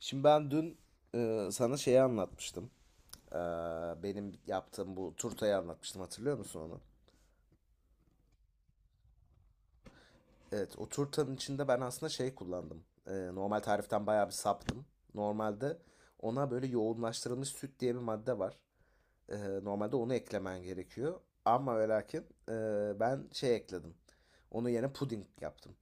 Şimdi ben dün sana şeyi anlatmıştım. E, benim yaptığım bu turtayı anlatmıştım. Hatırlıyor musun onu? Evet, o turtanın içinde ben aslında şey kullandım. Normal tariften bayağı bir saptım. Normalde ona böyle yoğunlaştırılmış süt diye bir madde var. E, normalde onu eklemen gerekiyor. Ama ve lakin ben şey ekledim. Onu yerine puding yaptım.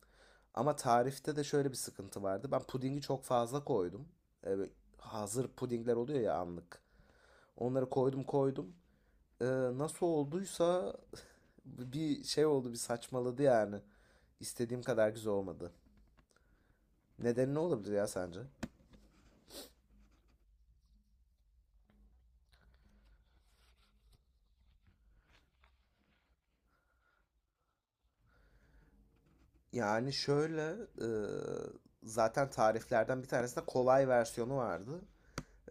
Ama tarifte de şöyle bir sıkıntı vardı. Ben pudingi çok fazla koydum. Böyle hazır pudingler oluyor ya anlık. Onları koydum koydum. Ee, nasıl olduysa bir şey oldu bir saçmaladı yani. İstediğim kadar güzel olmadı. Nedeni ne olabilir ya sence? Yani şöyle e, zaten tariflerden bir tanesinde kolay versiyonu vardı.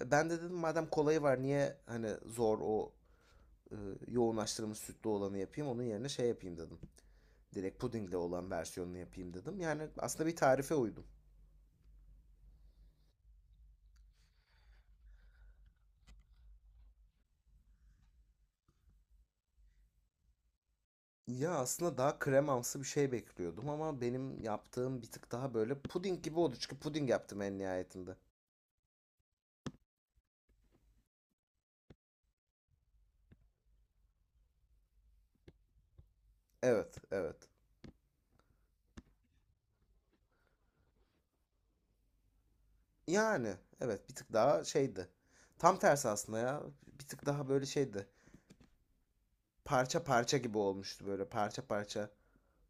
Ben de dedim madem kolayı var niye hani zor o e, yoğunlaştırılmış sütlü olanı yapayım onun yerine şey yapayım dedim. Direkt pudingle olan versiyonunu yapayım dedim. Yani aslında bir tarife uydum. Ya aslında daha kremamsı bir şey bekliyordum ama benim yaptığım bir tık daha böyle puding gibi oldu. Çünkü puding yaptım en nihayetinde. Evet, evet. Yani evet bir tık daha şeydi. Tam tersi aslında ya. Bir tık daha böyle şeydi. Parça parça gibi olmuştu böyle parça parça.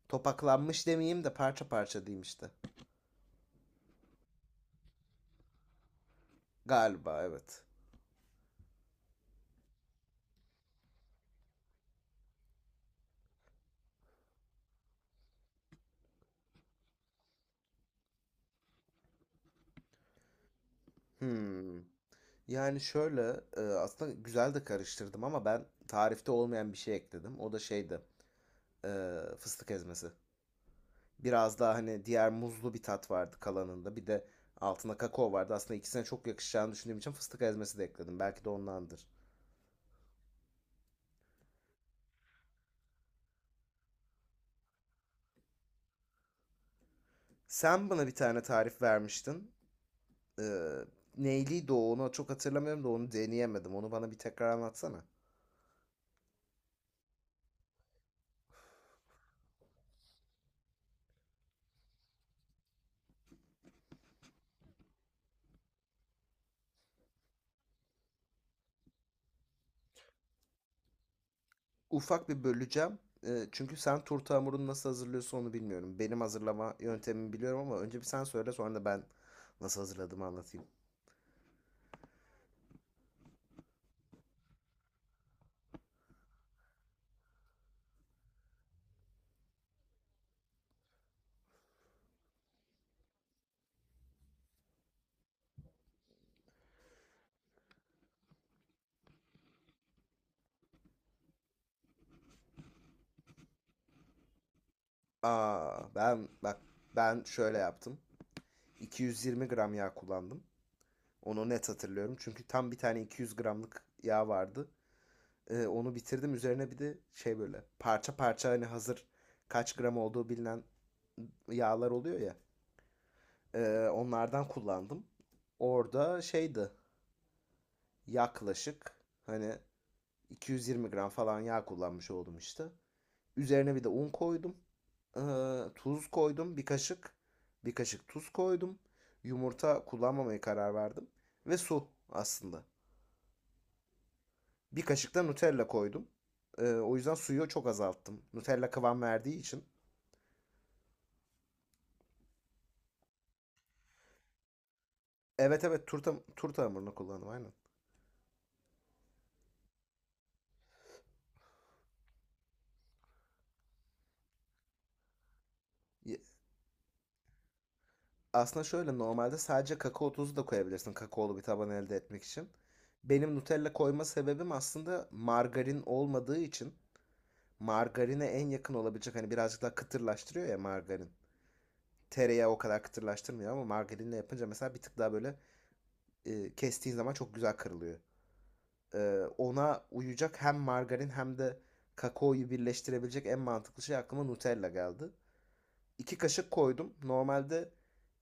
Topaklanmış demeyeyim de parça parça diyeyim işte. Galiba evet. Hmm. Yani şöyle aslında güzel de karıştırdım ama ben tarifte olmayan bir şey ekledim. O da şeydi. e, Fıstık ezmesi. Biraz daha hani diğer muzlu bir tat vardı kalanında. Bir de altına kakao vardı. Aslında ikisine çok yakışacağını düşündüğüm için fıstık ezmesi de ekledim. Belki de ondandır. Sen bana bir tane tarif vermiştin. Ee, neyliydi o? Onu çok hatırlamıyorum da onu deneyemedim. Onu bana bir tekrar anlatsana. Ufak bir böleceğim. Çünkü sen turta hamurunu nasıl hazırlıyorsun onu bilmiyorum. Benim hazırlama yöntemimi biliyorum ama önce bir sen söyle sonra da ben nasıl hazırladığımı anlatayım. Aa, ben bak ben şöyle yaptım. 220 gram yağ kullandım. Onu net hatırlıyorum. Çünkü tam bir tane 200 gramlık yağ vardı. Onu bitirdim. Üzerine bir de şey böyle parça parça hani hazır kaç gram olduğu bilinen yağlar oluyor ya. Onlardan kullandım. Orada şeydi yaklaşık hani 220 gram falan yağ kullanmış oldum işte. Üzerine bir de un koydum. Ee, tuz koydum bir kaşık. Bir kaşık tuz koydum. Yumurta kullanmamaya karar verdim. Ve su aslında. Bir kaşık da Nutella koydum. O yüzden suyu çok azalttım. Nutella kıvam verdiği için. Evet, evet, turta hamurunu kullandım aynen. Aslında şöyle normalde sadece kakao tozu da koyabilirsin kakaolu bir taban elde etmek için. Benim Nutella koyma sebebim aslında margarin olmadığı için margarine en yakın olabilecek hani birazcık daha kıtırlaştırıyor ya margarin. Tereyağı o kadar kıtırlaştırmıyor ama margarinle yapınca mesela bir tık daha böyle kestiğin zaman çok güzel kırılıyor. Ona uyacak hem margarin hem de kakaoyu birleştirebilecek en mantıklı şey aklıma Nutella geldi. 2 kaşık koydum. Normalde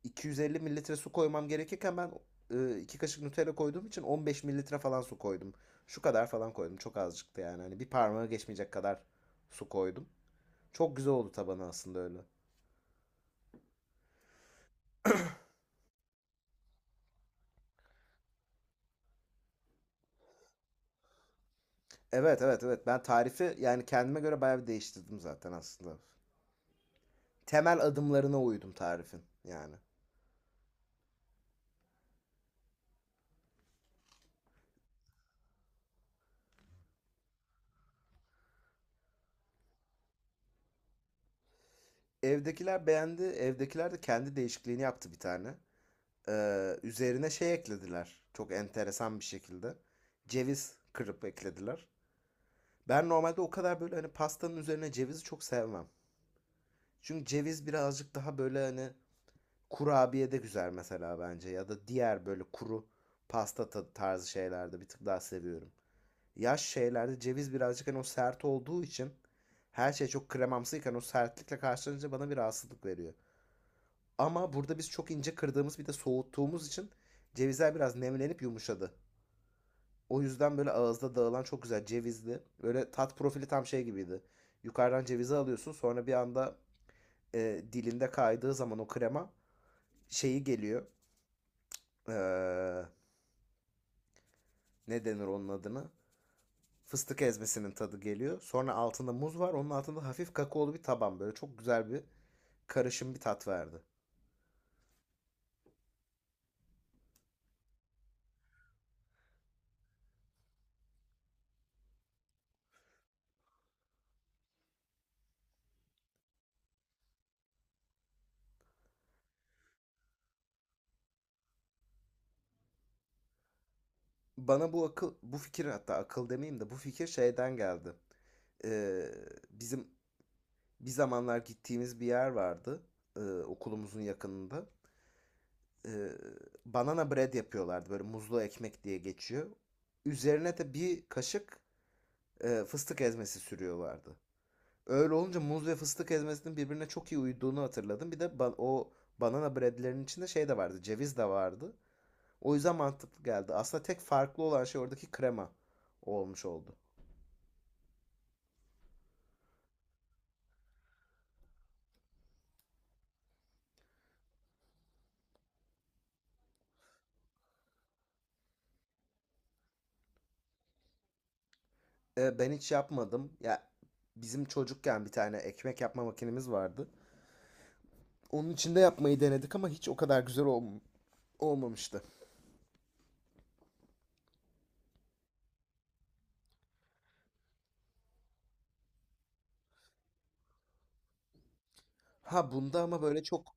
250 mililitre su koymam gerekirken ben 2 kaşık Nutella koyduğum için 15 mililitre falan su koydum. Şu kadar falan koydum. Çok azıcıktı yani. Hani bir parmağı geçmeyecek kadar su koydum. Çok güzel oldu tabanı aslında öyle. Evet, evet, evet. Ben tarifi yani kendime göre bayağı bir değiştirdim zaten aslında. Temel adımlarına uydum tarifin yani. Evdekiler beğendi. Evdekiler de kendi değişikliğini yaptı bir tane. Üzerine şey eklediler. Çok enteresan bir şekilde. Ceviz kırıp eklediler. Ben normalde o kadar böyle hani pastanın üzerine cevizi çok sevmem. Çünkü ceviz birazcık daha böyle hani kurabiye de güzel mesela bence. Ya da diğer böyle kuru pasta tarzı şeylerde bir tık daha seviyorum. Yaş şeylerde ceviz birazcık hani o sert olduğu için her şey çok kremamsıyken o sertlikle karşılanınca bana bir rahatsızlık veriyor. Ama burada biz çok ince kırdığımız bir de soğuttuğumuz için cevizler biraz nemlenip yumuşadı. O yüzden böyle ağızda dağılan çok güzel cevizli. Böyle tat profili tam şey gibiydi. Yukarıdan cevizi alıyorsun sonra bir anda dilinde kaydığı zaman o krema şeyi geliyor. Eee, ne denir onun adını? Fıstık ezmesinin tadı geliyor. Sonra altında muz var. Onun altında hafif kakaolu bir taban. Böyle çok güzel bir karışım bir tat verdi. Bana bu akıl, bu fikir, hatta akıl demeyeyim de bu fikir şeyden geldi. Ee, bizim bir zamanlar gittiğimiz bir yer vardı okulumuzun yakınında. Ee, banana bread yapıyorlardı, böyle muzlu ekmek diye geçiyor. Üzerine de bir kaşık fıstık ezmesi sürüyorlardı. Öyle olunca muz ve fıstık ezmesinin birbirine çok iyi uyduğunu hatırladım. Bir de o banana breadlerin içinde şey de vardı, ceviz de vardı. O yüzden mantıklı geldi. Aslında tek farklı olan şey oradaki krema olmuş oldu. Ben hiç yapmadım. Ya bizim çocukken bir tane ekmek yapma makinemiz vardı. Onun içinde yapmayı denedik ama hiç o kadar güzel olmamıştı. Ha bunda ama böyle çok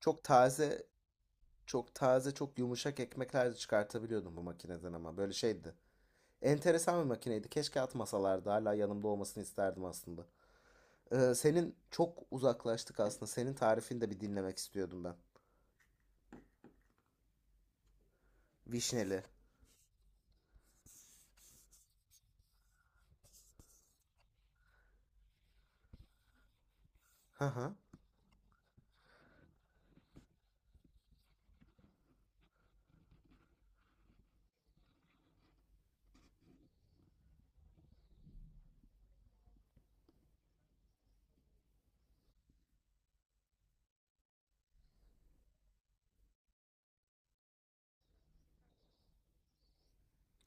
çok taze, çok taze, çok yumuşak ekmekler de çıkartabiliyordum bu makineden ama böyle şeydi. Enteresan bir makineydi. Keşke atmasalardı. Hala yanımda olmasını isterdim aslında. Senin çok uzaklaştık aslında. Senin tarifini de bir dinlemek istiyordum ben. Vişneli. Hı hı.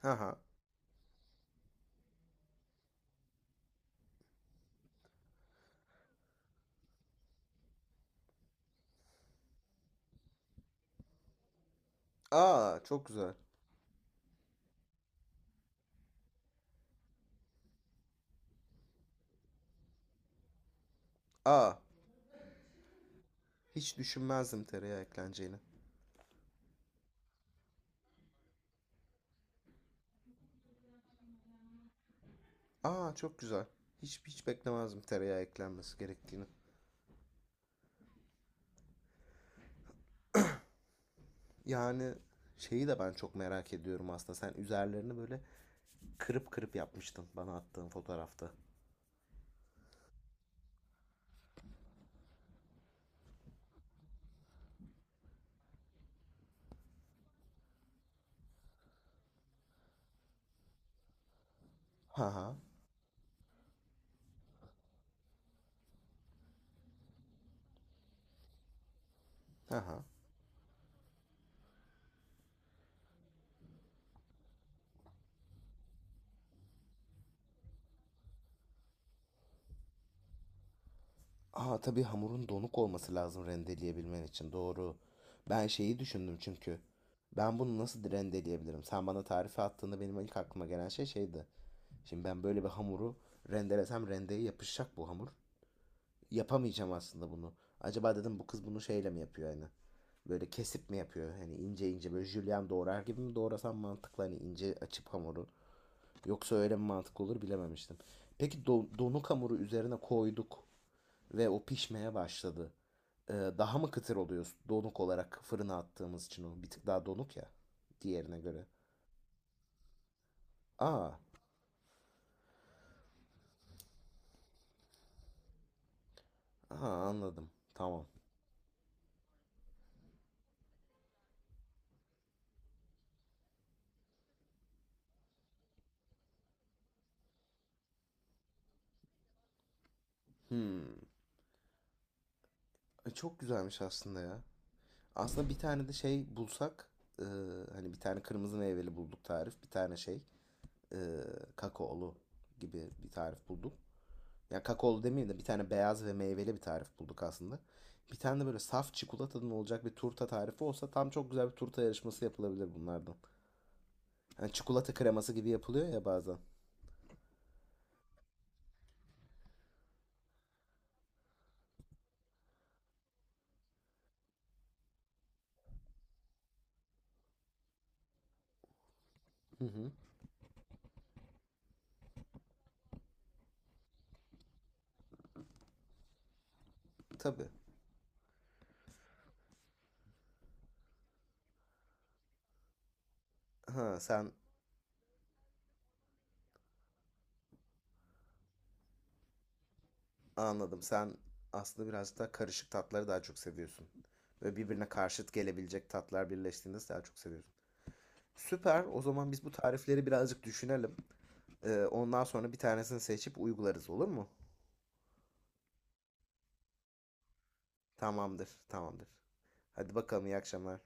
Hı hı. Aa, çok güzel. Aa. Hiç düşünmezdim tereyağı ekleneceğini. Aa, çok güzel. Hiç hiç beklemezdim tereyağı eklenmesi gerektiğini. Yani şeyi de ben çok merak ediyorum aslında. Sen üzerlerini böyle kırıp kırıp yapmıştın bana attığın fotoğrafta. Ha ha. Ha ha. Aa, tabii hamurun donuk olması lazım rendeleyebilmen için. Doğru. Ben şeyi düşündüm çünkü. Ben bunu nasıl rendeleyebilirim? Sen bana tarifi attığında benim ilk aklıma gelen şey şeydi. Şimdi ben böyle bir hamuru rendelesem rendeye yapışacak bu hamur. Yapamayacağım aslında bunu. Acaba dedim bu kız bunu şeyle mi yapıyor hani? Böyle kesip mi yapıyor? Hani ince ince böyle jülyen doğrar gibi mi doğrasam mantıklı, hani ince açıp hamuru. Yoksa öyle mi mantıklı olur bilememiştim. Peki donuk hamuru üzerine koyduk ve o pişmeye başladı. Daha mı kıtır oluyor donuk olarak fırına attığımız için, o bir tık daha donuk ya diğerine göre. Aa, aha, anladım. Tamam. Hmm. Çok güzelmiş aslında ya. Aslında bir tane de şey bulsak e, hani bir tane kırmızı meyveli bulduk tarif. Bir tane şey e, kakaolu gibi bir tarif bulduk. Ya yani kakaolu demeyeyim de bir tane beyaz ve meyveli bir tarif bulduk aslında. Bir tane de böyle saf çikolatadan olacak bir turta tarifi olsa tam çok güzel bir turta yarışması yapılabilir bunlardan. Yani çikolata kreması gibi yapılıyor ya bazen. Hı hı. Tabii. Ha sen, anladım. Sen aslında birazcık daha karışık tatları daha çok seviyorsun. Böyle birbirine karşıt gelebilecek tatlar birleştiğinde daha çok seviyorsun. Süper. O zaman biz bu tarifleri birazcık düşünelim. Ondan sonra bir tanesini seçip uygularız, olur mu? Tamamdır, tamamdır. Hadi bakalım, iyi akşamlar.